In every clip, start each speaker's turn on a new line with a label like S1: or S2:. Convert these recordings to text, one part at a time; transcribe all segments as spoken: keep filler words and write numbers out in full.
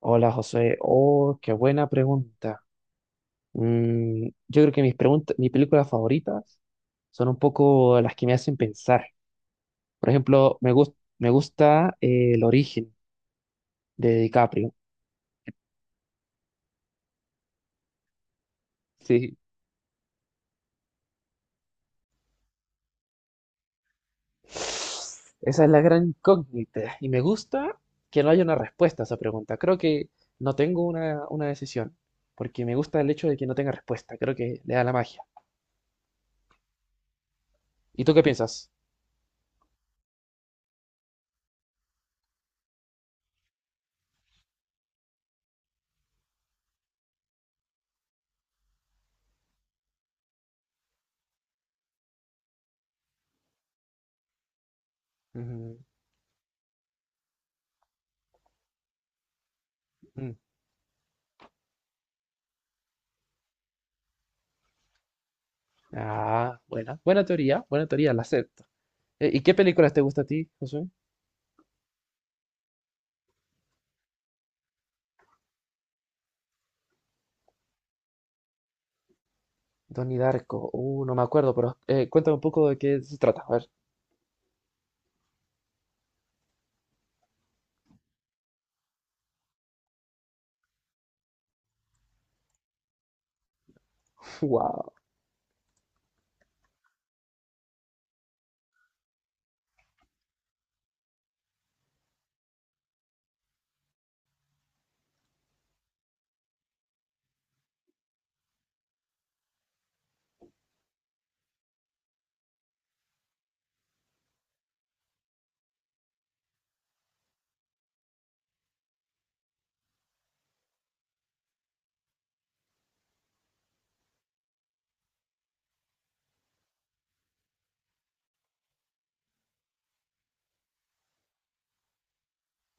S1: Hola José, oh, qué buena pregunta. Mm, yo creo que mis preguntas, mis películas favoritas son un poco las que me hacen pensar. Por ejemplo, me gus- me gusta eh, El origen de DiCaprio. Sí. Esa es la gran incógnita. Y me gusta que no haya una respuesta a esa pregunta. Creo que no tengo una, una decisión, porque me gusta el hecho de que no tenga respuesta. Creo que le da la magia. ¿Y tú qué piensas? Ujú. Mm. Ah, buena, buena teoría, buena teoría, la sé. Eh, ¿Y qué películas te gusta a ti, Josué? Donnie Darko. Uh, no me acuerdo, pero eh, cuéntame un poco de qué se trata. A ver. Wow.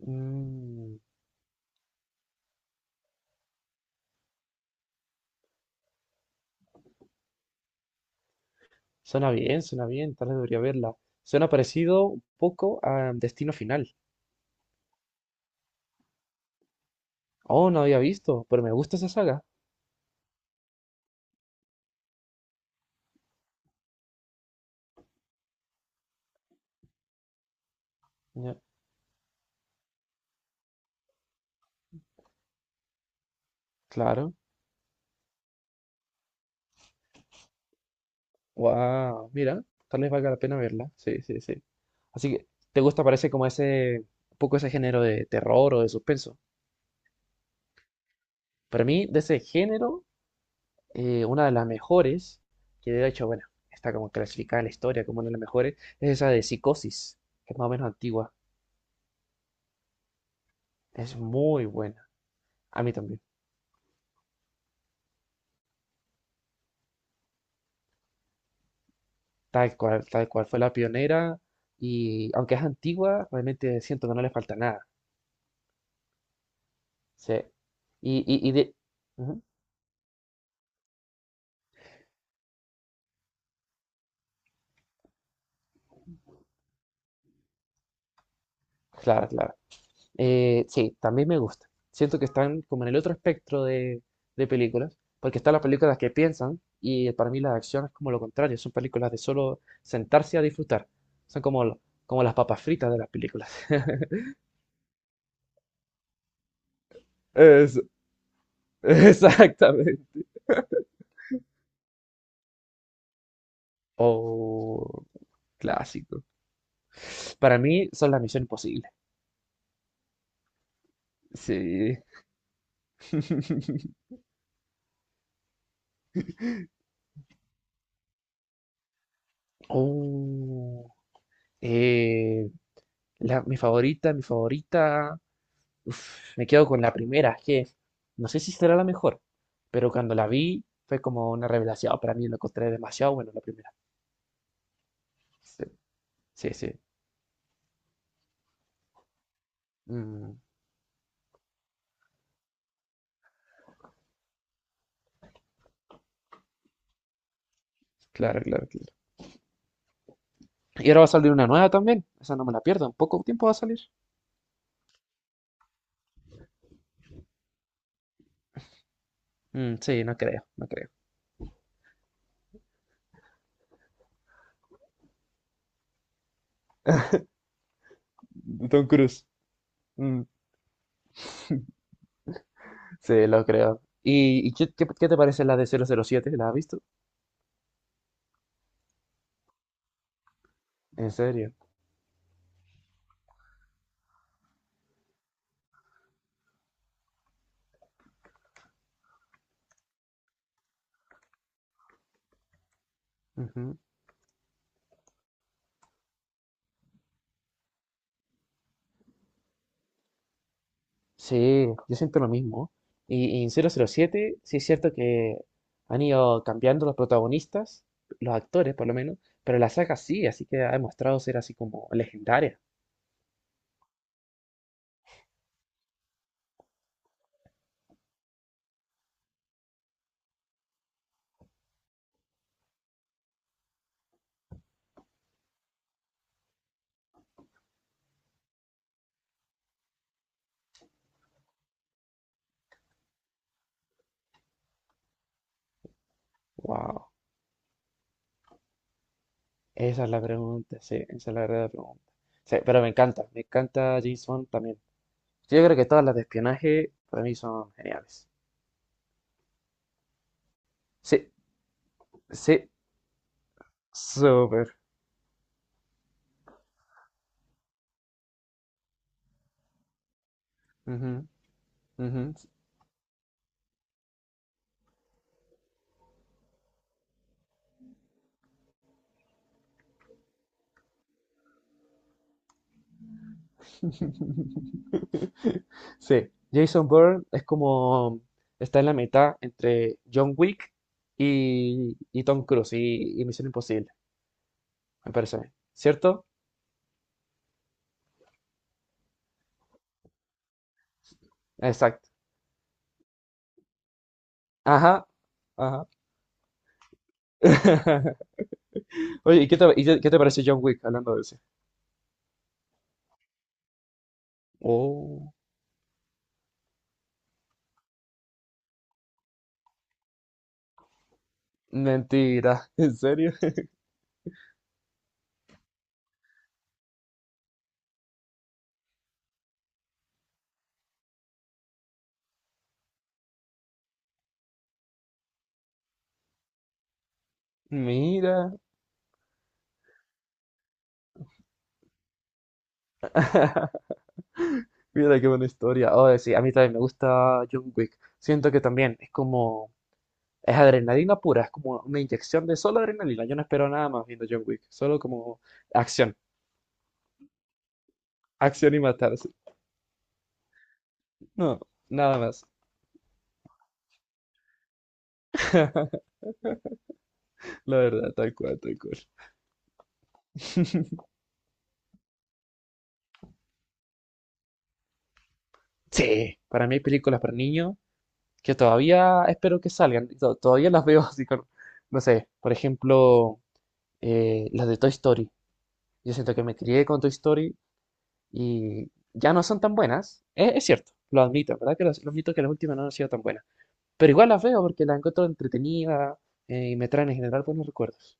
S1: Mm, suena bien, suena bien. Tal vez debería verla. Suena parecido un poco a Destino Final. Oh, no había visto, pero me gusta esa saga. Ya, claro. Wow. Mira, tal vez valga la pena verla. Sí, sí, sí. Así que, ¿te gusta? Parece como ese, un poco ese género de terror o de suspenso. Para mí, de ese género eh, una de las mejores, que de hecho, bueno, está como clasificada en la historia como una de las mejores, es esa de Psicosis, que es más o menos antigua. Es muy buena. A mí también. Tal cual, tal cual fue la pionera. Y aunque es antigua, realmente siento que no le falta nada. Sí. Y, y, y de... Ujú. Claro, claro. Eh, sí, también me gusta. Siento que están como en el otro espectro de, de películas, porque están las películas que piensan y para mí las de acción es como lo contrario, son películas de solo sentarse a disfrutar. Son como, lo- como las papas fritas de las películas. Es- exactamente. O clásico. Para mí son las Misión Imposible. Sí. Oh. eh, la, mi favorita, mi favorita. Uf, me quedo con la primera, es que no sé si será la mejor, pero cuando la vi fue como una revelación oh, para mí, lo encontré demasiado bueno la primera. Sí. Sí, sí. Mm. Claro, claro, claro. Y ahora va a salir una nueva también, esa no me la pierdo, en poco tiempo va a salir. Mm, sí, no creo, no creo. Tom Cruise. Mm. Sí, lo creo. ¿Y, y qué, qué- qué te parece la de cero cero siete? ¿La has visto? ¿En serio? Sí, yo siento lo mismo. Y, y en cero cero siete sí es cierto que han ido cambiando los protagonistas, los actores por lo menos, pero la saga sí, así que ha demostrado ser así como legendaria. Wow, esa es la pregunta, sí, esa es la verdadera pregunta. Sí, pero me encanta, me encanta James Bond también. Sí, yo creo que todas las de espionaje para mí son geniales. Sí, sí, súper. Ujú, ujú. Sí, Jason Bourne es como está en la mitad entre John Wick y, y Tom Cruise y, y Misión Imposible, me parece a mí. ¿Cierto? Exacto. Ajá, ajá. Oye, ¿y qué te, y qué- qué te parece John Wick hablando de eso? Oh, mentira, ¿en serio? Mira, mira qué buena historia. Oh, sí, a mí también me gusta John Wick. Siento que también es como. Es adrenalina pura, es como una inyección de solo adrenalina. Yo no espero nada más viendo John Wick, solo como acción, acción y matarse. No, nada más. La verdad, tal cual, tal cual. Sí, para mí hay películas para niños que todavía espero que salgan. to- Todavía las veo así con, no sé, por ejemplo, eh, las de Toy Story. Yo siento que me crié con Toy Story y ya no son tan buenas. Es, es cierto, lo admito, ¿verdad? Que los- lo admito que las últimas no han sido tan buenas. Pero igual las veo porque las encuentro entretenida eh, y me traen en general buenos recuerdos.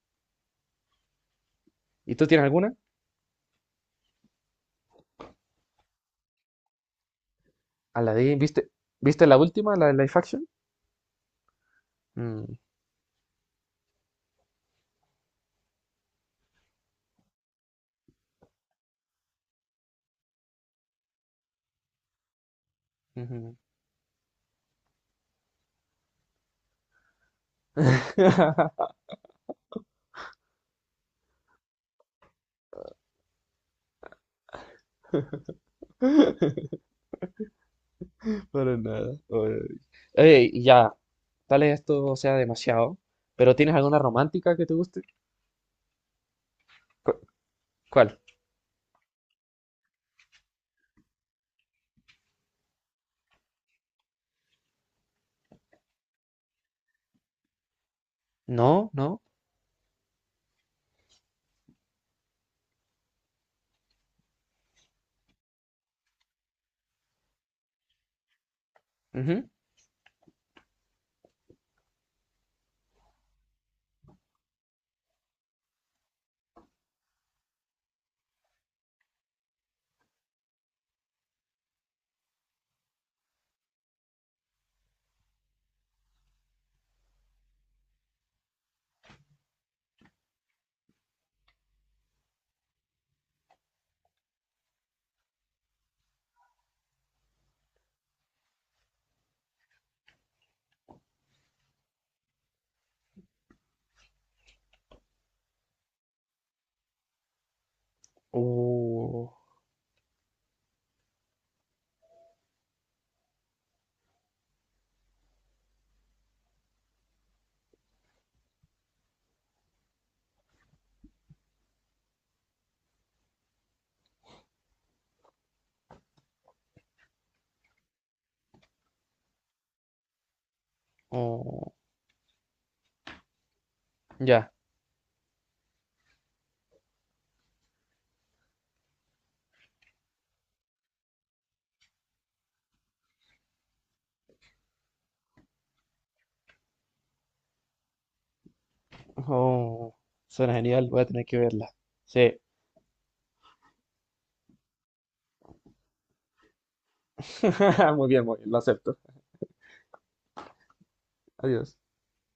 S1: ¿Y tú tienes alguna? Aladdin, ¿viste, viste la última, la de Life Action? Mm, ujú. Oye, y ya, tal vez esto sea demasiado, pero ¿tienes alguna romántica que te guste? ¿Cu- ¿Cuál? No, no. Ujú. Uh, oh, ya. Oh, suena genial, voy a tener que verla. Sí. Muy bien, muy bien, lo acepto. Adiós.